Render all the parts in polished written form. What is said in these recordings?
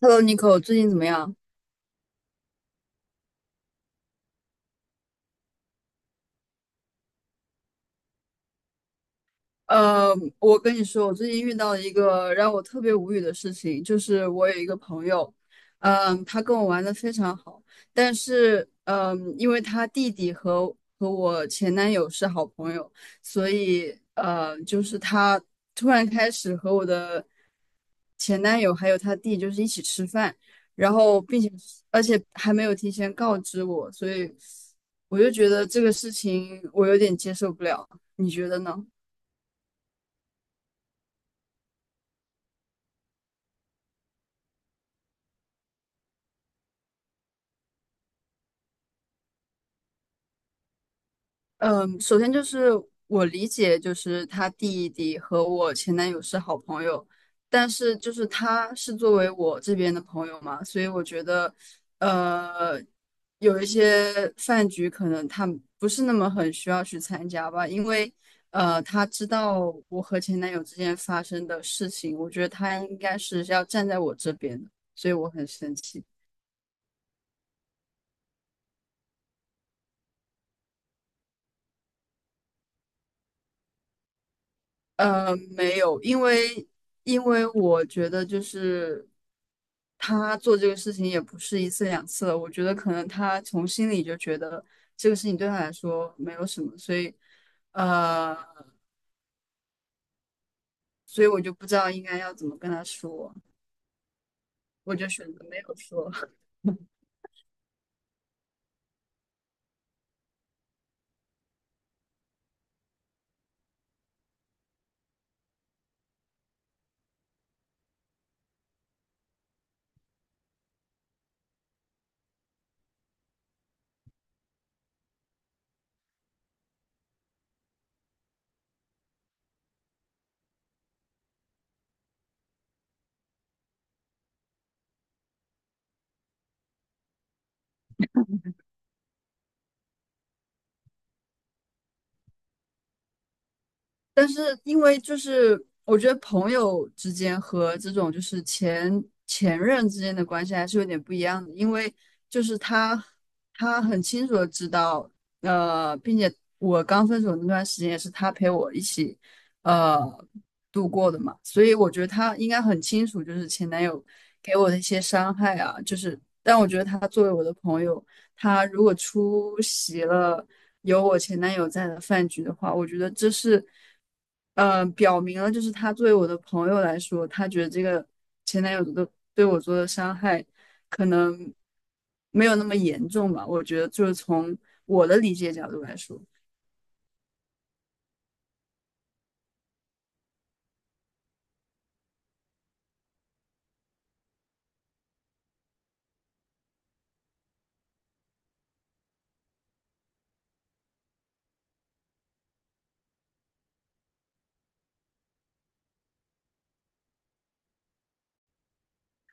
Hello，Nico，最近怎么样？呃，我跟你说，我最近遇到了一个让我特别无语的事情，就是我有一个朋友，他跟我玩的非常好，但是，因为他弟弟和我前男友是好朋友，所以，就是他突然开始和我的前男友还有他弟就是一起吃饭，然后，并且，而且还没有提前告知我，所以我就觉得这个事情我有点接受不了，你觉得呢？嗯，首先就是我理解，就是她弟弟和我前男友是好朋友，但是就是他是作为我这边的朋友嘛，所以我觉得，呃，有一些饭局可能他不是那么很需要去参加吧，因为他知道我和前男友之间发生的事情，我觉得他应该是要站在我这边的，所以我很生气。呃，没有，因为我觉得就是他做这个事情也不是一次两次了，我觉得可能他从心里就觉得这个事情对他来说没有什么，所以呃，所以我就不知道应该要怎么跟他说，我就选择没有说。但是因为就是我觉得朋友之间和这种就是前前任之间的关系还是有点不一样的，因为就是他很清楚的知道，呃，并且我刚分手那段时间也是他陪我一起呃度过的嘛，所以我觉得他应该很清楚就是前男友给我的一些伤害啊，就是但我觉得他作为我的朋友。他如果出席了有我前男友在的饭局的话，我觉得这是，表明了就是他作为我的朋友来说，他觉得这个前男友的对我做的伤害可能没有那么严重吧。我觉得就是从我的理解角度来说。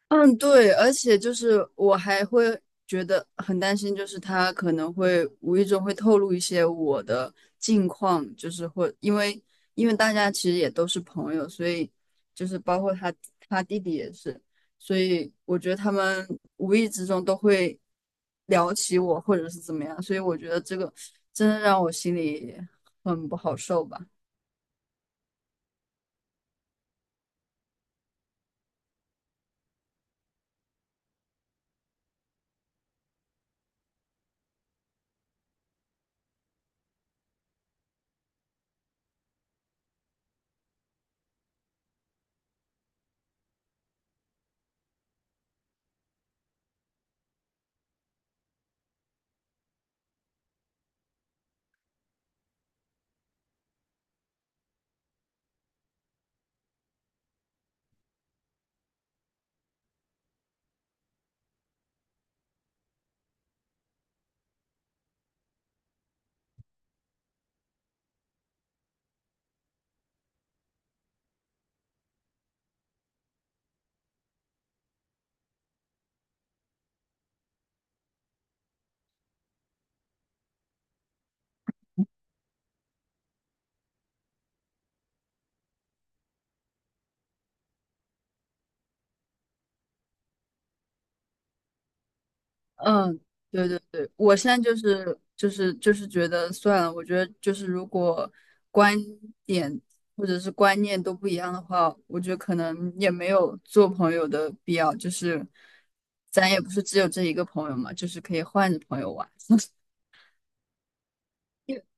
嗯，对，而且就是我还会觉得很担心，就是他可能会无意中会透露一些我的近况，就是会因为大家其实也都是朋友，所以就是包括他他弟弟也是，所以我觉得他们无意之中都会聊起我或者是怎么样，所以我觉得这个真的让我心里很不好受吧。嗯，对对对，我现在就是觉得算了，我觉得就是如果观点或者是观念都不一样的话，我觉得可能也没有做朋友的必要，就是咱也不是只有这一个朋友嘛，就是可以换着朋友玩。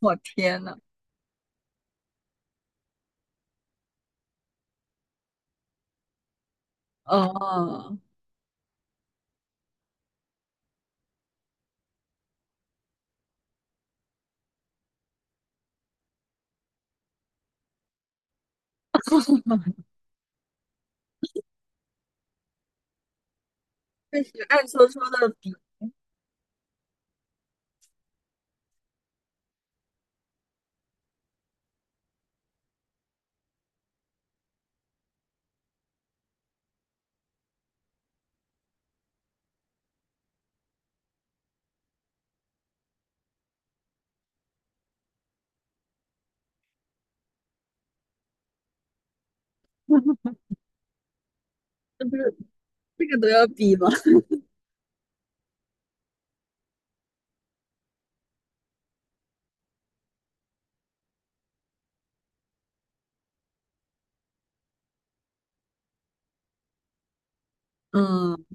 我天呐，哦，确实，暗戳戳的比，这不是这个都要比吗？嗯，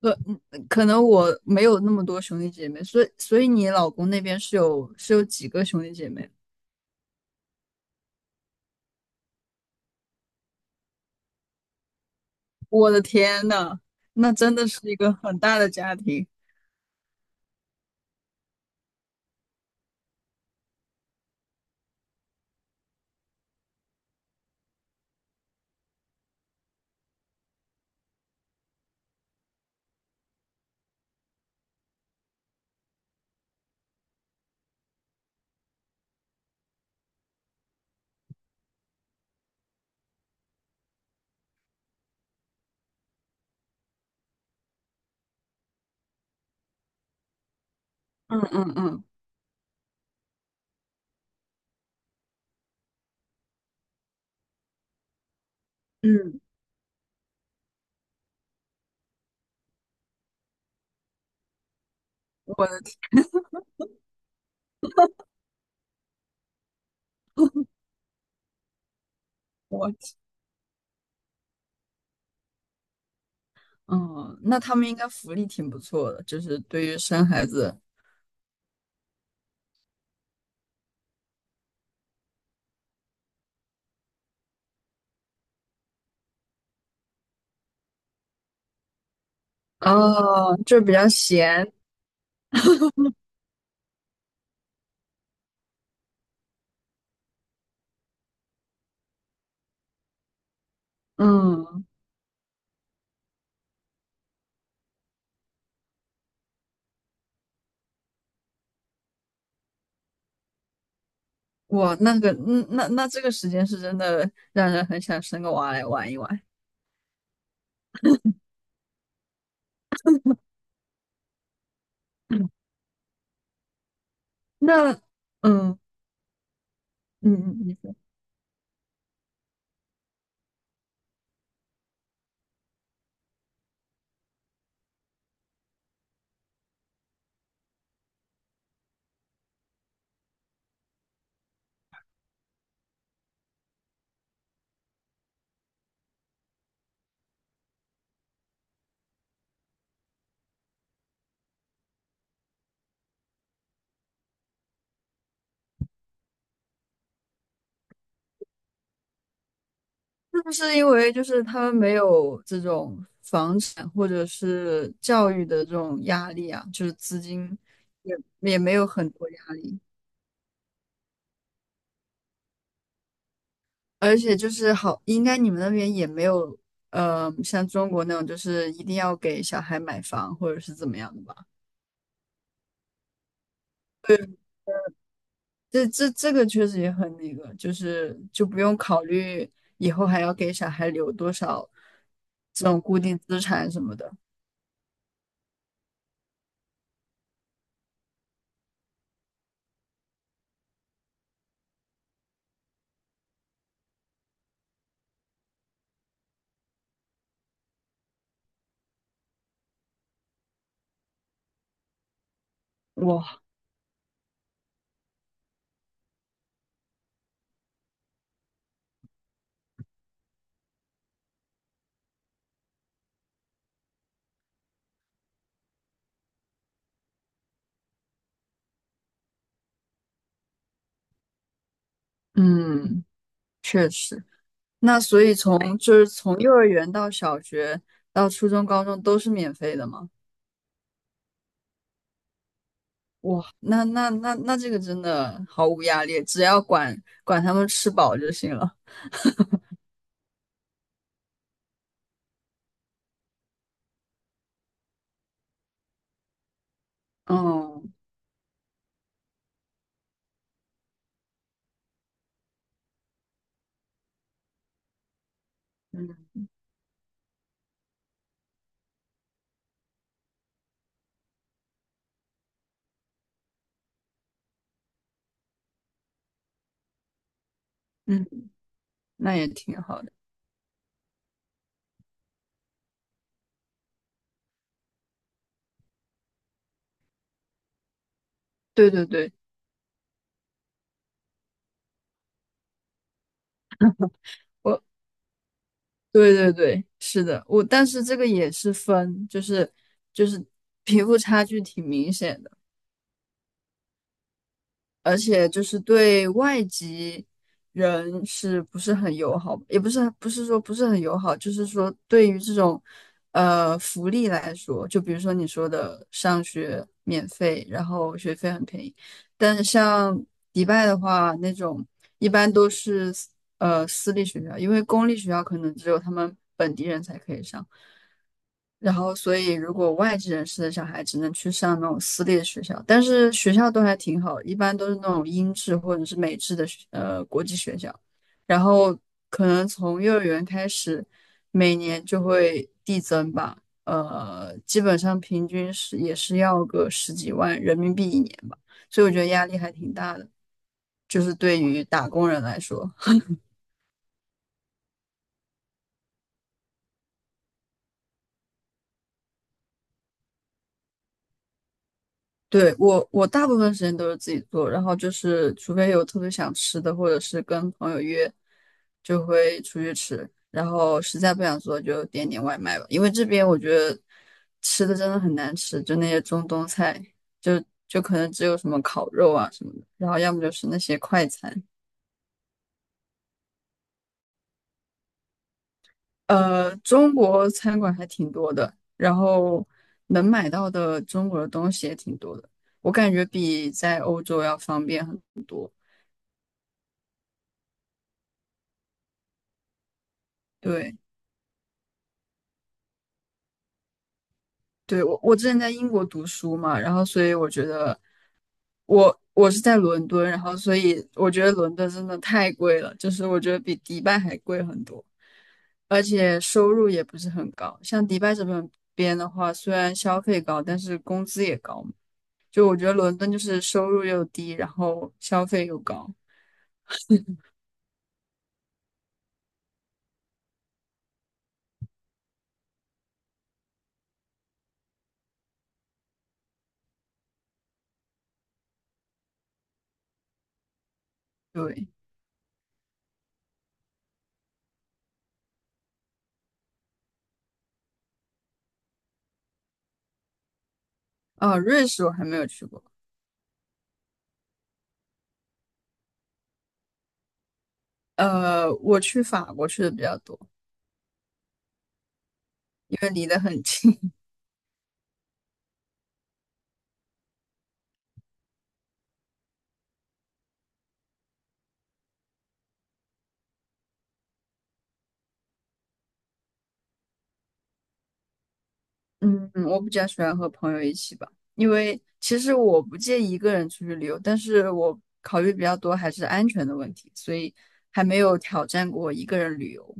可嗯可能我没有那么多兄弟姐妹，所以你老公那边是有几个兄弟姐妹？我的天呐，那真的是一个很大的家庭。嗯嗯嗯嗯，我的天我嗯，那他们应该福利挺不错的，就是对于生孩子哦，就比较闲。嗯，我那个嗯，那这个时间是真的让人很想生个娃来玩一玩。那嗯嗯嗯，你说是不是因为就是他们没有这种房产或者是教育的这种压力啊？就是资金也也没有很多压力，而且就是好，应该你们那边也没有，像中国那种就是一定要给小孩买房或者是怎么样的吧？对，这个确实也很那个，就是就不用考虑以后还要给小孩留多少这种固定资产什么的。哇，嗯，确实。那所以从就是从幼儿园到小学到初中、高中都是免费的吗？哇，那这个真的毫无压力，只要管管他们吃饱就行了。哦。嗯嗯，那也挺好的。对对对，我对对对，是的，我但是这个也是分，就是就是贫富差距挺明显的。而且就是对外籍人是不是很友好，也不是不是说不是很友好，就是说对于这种福利来说，就比如说你说的上学免费，然后学费很便宜，但是像迪拜的话，那种一般都是私立学校，因为公立学校可能只有他们本地人才可以上，然后，所以如果外籍人士的小孩只能去上那种私立的学校，但是学校都还挺好，一般都是那种英制或者是美制的国际学校。然后可能从幼儿园开始，每年就会递增吧，呃，基本上平均是也是要个十几万人民币一年吧，所以我觉得压力还挺大的，就是对于打工人来说。对，我，我大部分时间都是自己做，然后就是除非有特别想吃的，或者是跟朋友约，就会出去吃。然后实在不想做，就点点外卖吧。因为这边我觉得吃的真的很难吃，就那些中东菜，就可能只有什么烤肉啊什么的，然后要么就是那些快餐。呃，中国餐馆还挺多的，然后能买到的中国的东西也挺多的，我感觉比在欧洲要方便很多。对。对，我之前在英国读书嘛，然后所以我觉得我是在伦敦，然后所以我觉得伦敦真的太贵了，就是我觉得比迪拜还贵很多，而且收入也不是很高。像迪拜这边的话，虽然消费高，但是工资也高嘛就我觉得伦敦就是收入又低，然后消费又高。对，啊，瑞士我还没有去过，呃，我去法国去的比较多，因为离得很近。嗯，我比较喜欢和朋友一起吧，因为其实我不介意一个人出去旅游，但是我考虑比较多还是安全的问题，所以还没有挑战过一个人旅游。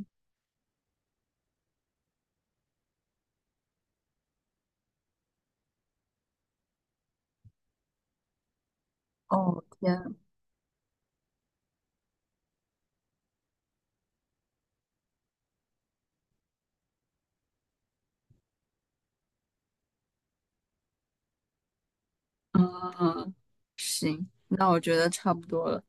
哦，天，嗯，行，那我觉得差不多了。